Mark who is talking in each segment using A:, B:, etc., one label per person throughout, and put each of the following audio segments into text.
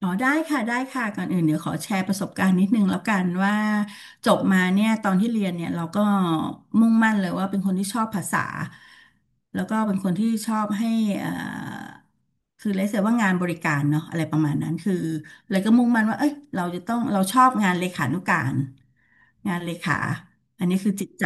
A: อ๋อได้ค่ะได้ค่ะก่อนอื่นเดี๋ยวขอแชร์ประสบการณ์นิดนึงแล้วกันว่าจบมาเนี่ยตอนที่เรียนเนี่ยเราก็มุ่งมั่นเลยว่าเป็นคนที่ชอบภาษาแล้วก็เป็นคนที่ชอบให้เอ่อคือเรียกว่างานบริการเนาะอะไรประมาณนั้นคือเลยก็มุ่งมั่นว่าเอ้ยเราจะต้องเราชอบงานเลขานุการงานเลขาอันนี้คือจิตใจ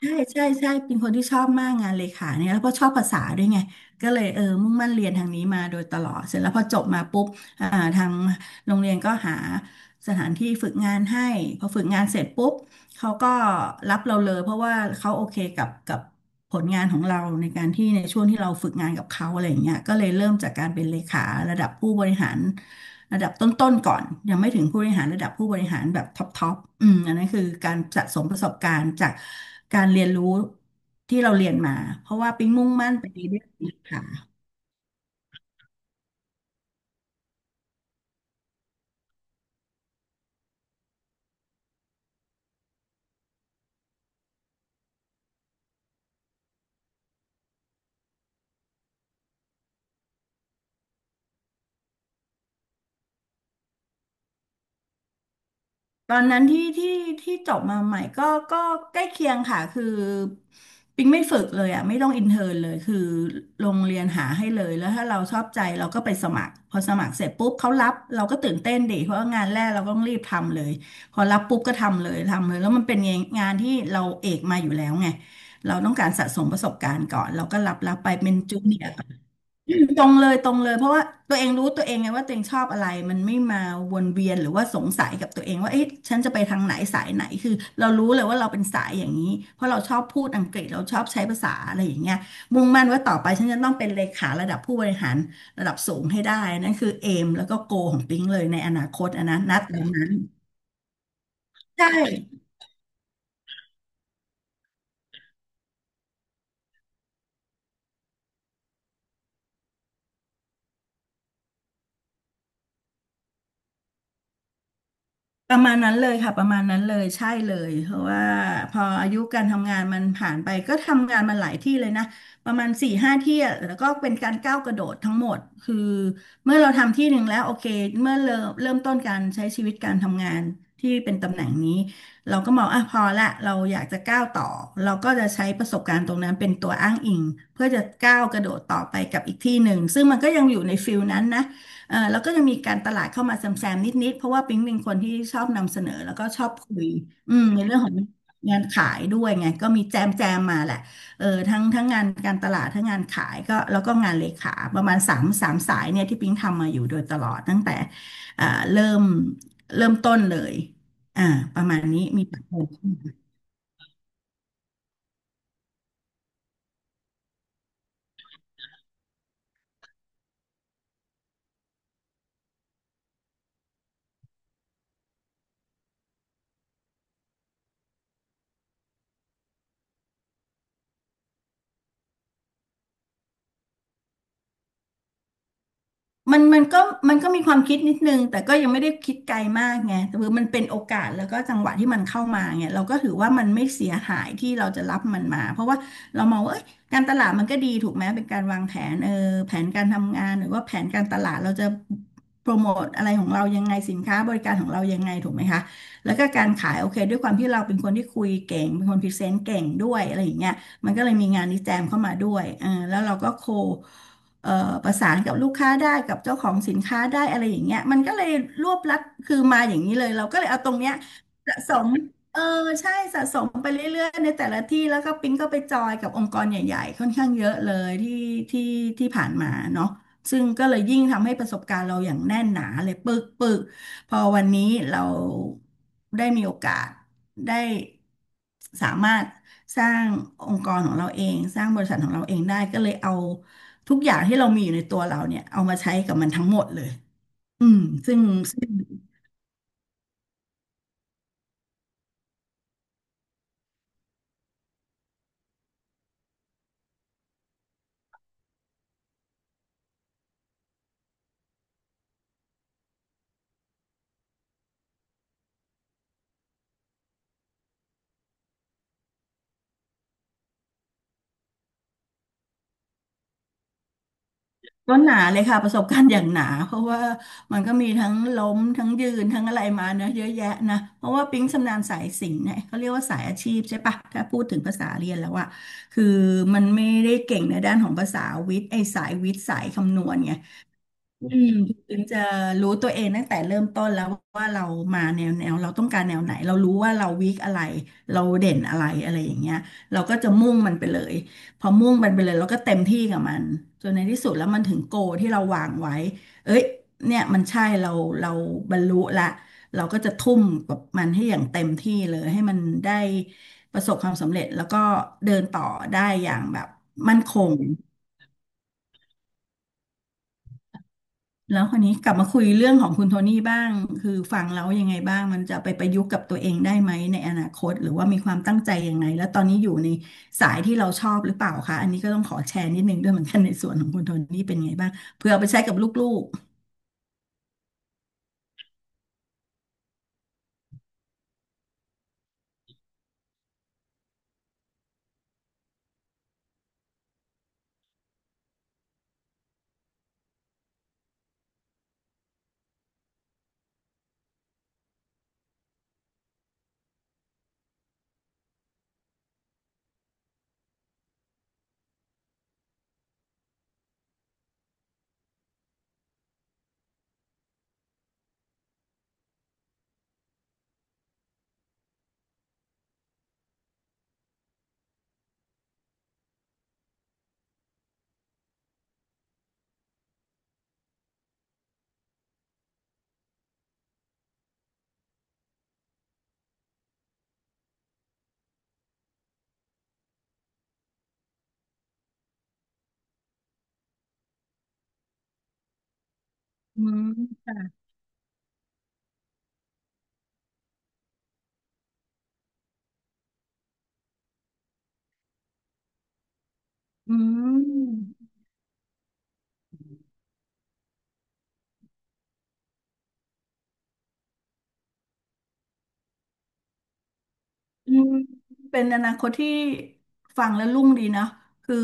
A: ใช่ใช่ใช่เป็นคนที่ชอบมากงานเลขาเนี่ยแล้วก็ชอบภาษาด้วยไงก็เลยมุ่งมั่นเรียนทางนี้มาโดยตลอดเสร็จแล้วพอจบมาปุ๊บอ่าทางโรงเรียนก็หาสถานที่ฝึกงานให้พอฝึกงานเสร็จปุ๊บเขาก็รับเราเลยเพราะว่าเขาโอเคกับผลงานของเราในการที่ในช่วงที่เราฝึกงานกับเขาอะไรอย่างเงี้ยก็เลยเริ่มจากการเป็นเลขาระดับผู้บริหาร ระดับต้นๆก่อนยังไม่ถึงผู้บริหารระดับผู้บริหารแบบท็อปท็อปอันนั้นคือการสะสมประสบการณ์จากการเรียนรู้ที่เราเรียนมาเพราะว่าปิ๊งมุ่งมั่นไปเรื่อยๆค่ะ ตอนนั้นที่จบมาใหม่ก็ก็ใกล้เคียงค่ะคือปิงไม่ฝึกเลยอ่ะไม่ต้องอินเทอร์นเลยคือโรงเรียนหาให้เลยแล้วถ้าเราชอบใจเราก็ไปสมัครพอสมัครเสร็จปุ๊บเขารับเราก็ตื่นเต้นดิเพราะว่างานแรกเราก็ต้องรีบทำเลยพอรับปุ๊บก็ทำเลยทำเลยแล้วมันเป็นงานที่เราเอกมาอยู่แล้วไงเราต้องการสะสมประสบการณ์ก่อนเราก็รับไปเป็นจูเนียร์ มตรงเลยตรงเลยเพราะว่าตัวเองรู้ตัวเองไงว่าตัวเองชอบอะไรมันไม่มาวนเวียนหรือว่าสงสัยกับตัวเองว่าเอ๊ะฉันจะไปทางไหนสายไหนคือเรารู้เลยว่าเราเป็นสายอย่างนี้เพราะเราชอบพูดอังกฤษเราชอบใช้ภาษาอะไรอย่างเงี้ยมุ่งมั่นว่าต่อไปฉันจะต้องเป็นเลขาระดับผู้บริหารระดับสูงให้ได้นั่นคือเอมแล้วก็โกของปิ๊งเลยในอนาคตอันนั้นณตอนนั้นใช่ ประมาณนั้นเลยค่ะประมาณนั้นเลยใช่เลยเพราะว่าพออายุการทำงานมันผ่านไปก็ทำงานมาหลายที่เลยนะประมาณสี่ห้าที่อะแล้วก็เป็นการก้าวกระโดดทั้งหมดคือเมื่อเราทำที่หนึ่งแล้วโอเคเมื่อเริ่มต้นการใช้ชีวิตการทำงานที่เป็นตำแหน่งนี้เราก็มองอ่ะพอละเราอยากจะก้าวต่อเราก็จะใช้ประสบการณ์ตรงนั้นเป็นตัวอ้างอิงเพื่อจะก้าวกระโดดต่อไปกับอีกที่หนึ่งซึ่งมันก็ยังอยู่ในฟิลนั้นนะ แล้วก็จะมีการตลาดเข้ามาแซมๆนิดๆเพราะว่าปิ๊งเป็นคนที่ชอบนำเสนอแล้วก็ชอบคุยในเรื่องของงานขายด้วยไงก็มีแจมแจมมาแหละเออทั้งงานการตลาดทั้งงานขายก็แล้วก็งานเลขาประมาณสามสายเนี่ยที่ปิ๊งทำมาอยู่โดยตลอดตั้งแต่อ่าเริ่มเริ่มต้นเลยอ่าประมาณนี้มีปัจจัย มันก็มันก็มีความคิดนิดนึงแต่ก็ยังไม่ได้คิดไกลมากไงแต่คือมันเป็นโอกาสแล้วก็จังหวะที่มันเข้ามาไงเราก็ถือว่ามันไม่เสียหายที่เราจะรับมันมาเพราะว่าเรามองว่าเอ้ยการตลาดมันก็ดีถูกไหมเป็นการวางแผนแผนการทำงานหรือว่าแผนการตลาดเราจะโปรโมทอะไรของเรายังไงสินค้าบริการของเรายังไงถูกไหมคะแล้วก็การขายโอเคด้วยความที่เราเป็นคนที่คุยเก่งเป็นคนพรีเซนต์เก่งด้วยอะไรอย่างเงี้ยมันก็เลยมีงานนิแจมเข้ามาด้วยแล้วเราก็โค เอ่อประสานกับลูกค้าได้กับเจ้าของสินค้าได้อะไรอย่างเงี้ยมันก็เลยรวบลัดคือมาอย่างนี้เลยเราก็เลยเอาตรงเนี้ยสะสมเออใช่สะสมไปเรื่อยๆในแต่ละที่แล้วก็ปิ๊งก็ไปจอยกับองค์กรใหญ่ๆค่อนข้างเยอะเลยที่ที่ผ่านมาเนาะซึ่งก็เลยยิ่งทำให้ประสบการณ์เราอย่างแน่นหนาเลยปึกปึกพอวันนี้เราได้มีโอกาสได้สามารถสร้างองค์กรของเราเองสร้างบริษัทของเราเองได้ก็เลยเอา ทุกอย่างที่เรามีอยู่ในตัวเราเนี่ยเอามาใช้กับมันทั้งหมดเลยอืมซึ่งซึ่งก็หนาเลยค่ะประสบการณ์อย่างหนาเพราะว่ามันก็มีทั้งล้มทั้งยืนทั้งอะไรมาเนอะเยอะแยะนะเพราะว่าปิ๊งชำนาญสายสิ่ง์เนี่ยเขาเรียกว่าสายอาชีพใช่ปะถ้าพูดถึงภาษาเรียนแล้วอะคือมันไม่ได้เก่งในด้านของภาษาวิทย์ไอ้สายวิทย์สายคำนวณไง อืมถึงจะรู้ตัวเองตั้งแต่เริ่มต้นแล้วว่าเรามาแนวเราต้องการแนวไหนเรารู้ว่าเราวีคอะไรเราเด่นอะไรอะไรอย่างเงี้ยเราก็จะมุ่งมันไปเลยพอมุ่งมันไปเลยเราก็เต็มที่กับมันจนในที่สุดแล้วมันถึงโกที่เราวางไว้เอ้ยเนี่ยมันใช่เราเราบรรลุละเราก็จะทุ่มกับมันให้อย่างเต็มที่เลยให้มันได้ประสบความสำเร็จแล้วก็เดินต่อได้อย่างแบบมั่นคง แล้วคนนี้กลับมาคุยเรื่องของคุณโทนี่บ้างคือฟังแล้วยังไงบ้างมันจะไปประยุกต์กับตัวเองได้ไหมในอนาคตหรือว่ามีความตั้งใจยังไงแล้วตอนนี้อยู่ในสายที่เราชอบหรือเปล่าคะอันนี้ก็ต้องขอแชร์นิดนึงด้วยเหมือนกันในส่วนของคุณโทนี่เป็นไงบ้างเพื่อเอาไปใช้กับลูกๆอืมอืมอืมเป็นอนาคตที่ฟังแล้วรุ่งดีเนาะคือ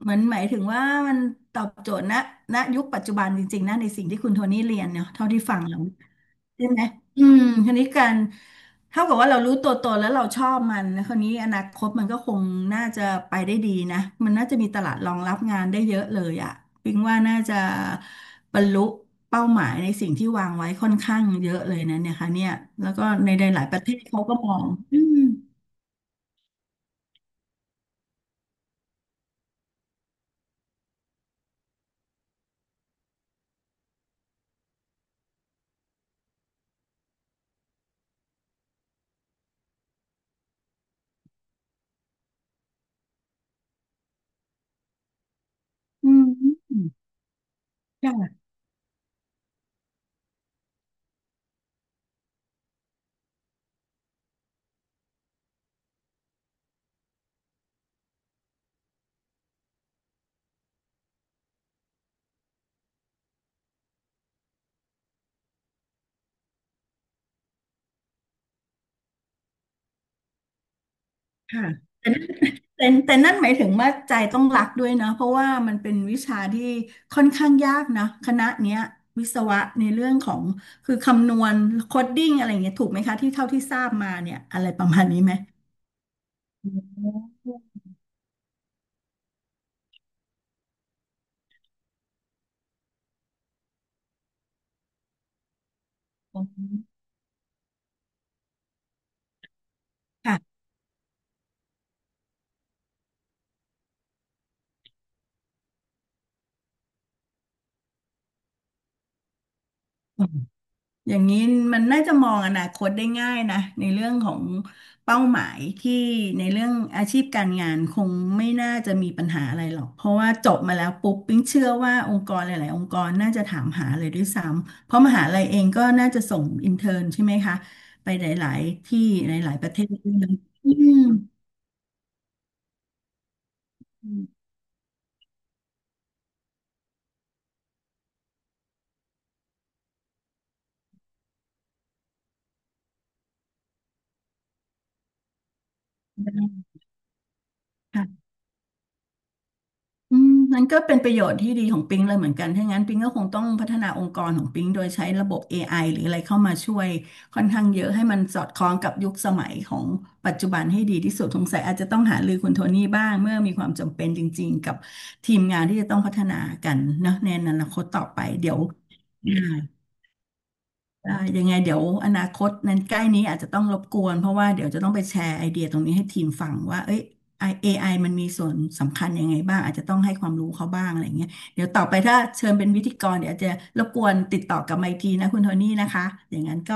A: เหมือนหมายถึงว่ามันตอบโจทย์ณณยุคปัจจุบันจริงๆนะในสิ่งที่คุณโทนี่เรียนเนาะเท่าที่ฟังแล้ว ใช่ไหมอืมคราวนี้การเท่ากับว่าเรารู้ตัวตนแล้วเราชอบมันนะคราวนี้อนาคตมันก็คงน่าจะไปได้ดีนะ มันน่าจะมีตลาดรองรับงานได้เยอะเลยอะปิงว่าน่าจะบรรลุเป้าหมายในสิ่งที่วางไว้ค่อนข้างเยอะเลยนะเนี่ยค่ะเนี่ยแล้วก็ในหลายๆประเทศเขาก็มองอืมอืมอืมค่ะค่ะ แต่นั่นหมายถึงว่าใจต้องรักด้วยนะเพราะว่ามันเป็นวิชาที่ค่อนข้างยากนะคณะเนี้ยวิศวะในเรื่องของคือคำนวณโคดดิ้งอะไรอย่างเงี้ยถูกไหมคะที่เท่าที่ทราบมาเนี่ยอะไรประมาณนี้ไหมค่ะ อย่างนี้มันน่าจะมองอนาคตได้ง่ายนะในเรื่องของเป้าหมายที่ในเรื่องอาชีพการงานคงไม่น่าจะมีปัญหาอะไรหรอกเพราะว่าจบมาแล้วปุ๊บปิ๊งเชื่อว่าองค์กรหลายๆองค์กรน่าจะถามหาเลยด้วยซ้ำเพราะมหาลัยเองก็น่าจะส่งอินเทอร์นใช่ไหมคะไปหลาย ๆ ที่หลาย ๆ ประเทศด้วยนะอืม อืมนั้นก็เป็นประโยชน์ที่ดีของปิงเลยเหมือนกันถ้างั้นปิงก็คงต้องพัฒนาองค์กรของปิงโดยใช้ระบบ AI หรืออะไรเข้ามาช่วยค่อนข้างเยอะให้มันสอดคล้องกับยุคสมัยของปัจจุบันให้ดีที่สุดสงสัยอาจจะต้องหารือคุณโทนี่บ้างเมื่อมีความจำเป็นจริงๆกับทีมงานที่จะต้องพัฒนากันเนอะในอนาคตต่อไปเดี๋ยว ยังไงเดี๋ยวอนาคตนั้นใกล้นี้อาจจะต้องรบกวนเพราะว่าเดี๋ยวจะต้องไปแชร์ไอเดียตรงนี้ให้ทีมฟังว่าเอ้ย AI มันมีส่วนสำคัญยังไงบ้างอาจจะต้องให้ความรู้เขาบ้างอะไรเงี้ยเดี๋ยวต่อไปถ้าเชิญเป็นวิทยกรเดี๋ยวอาจจะรบกวนติดต่อกลับมาอีกทีนะคุณโทนี่นะคะอย่างนั้นก็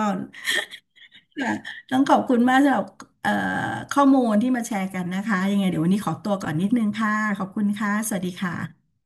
A: ค่ะต้องขอบคุณมากสำหรับเอ่อข้อมูลที่มาแชร์กันนะคะยังไงเดี๋ยววันนี้ขอตัวก่อนนิดนึงค่ะขอบคุณค่ะสวัสดีค่ะ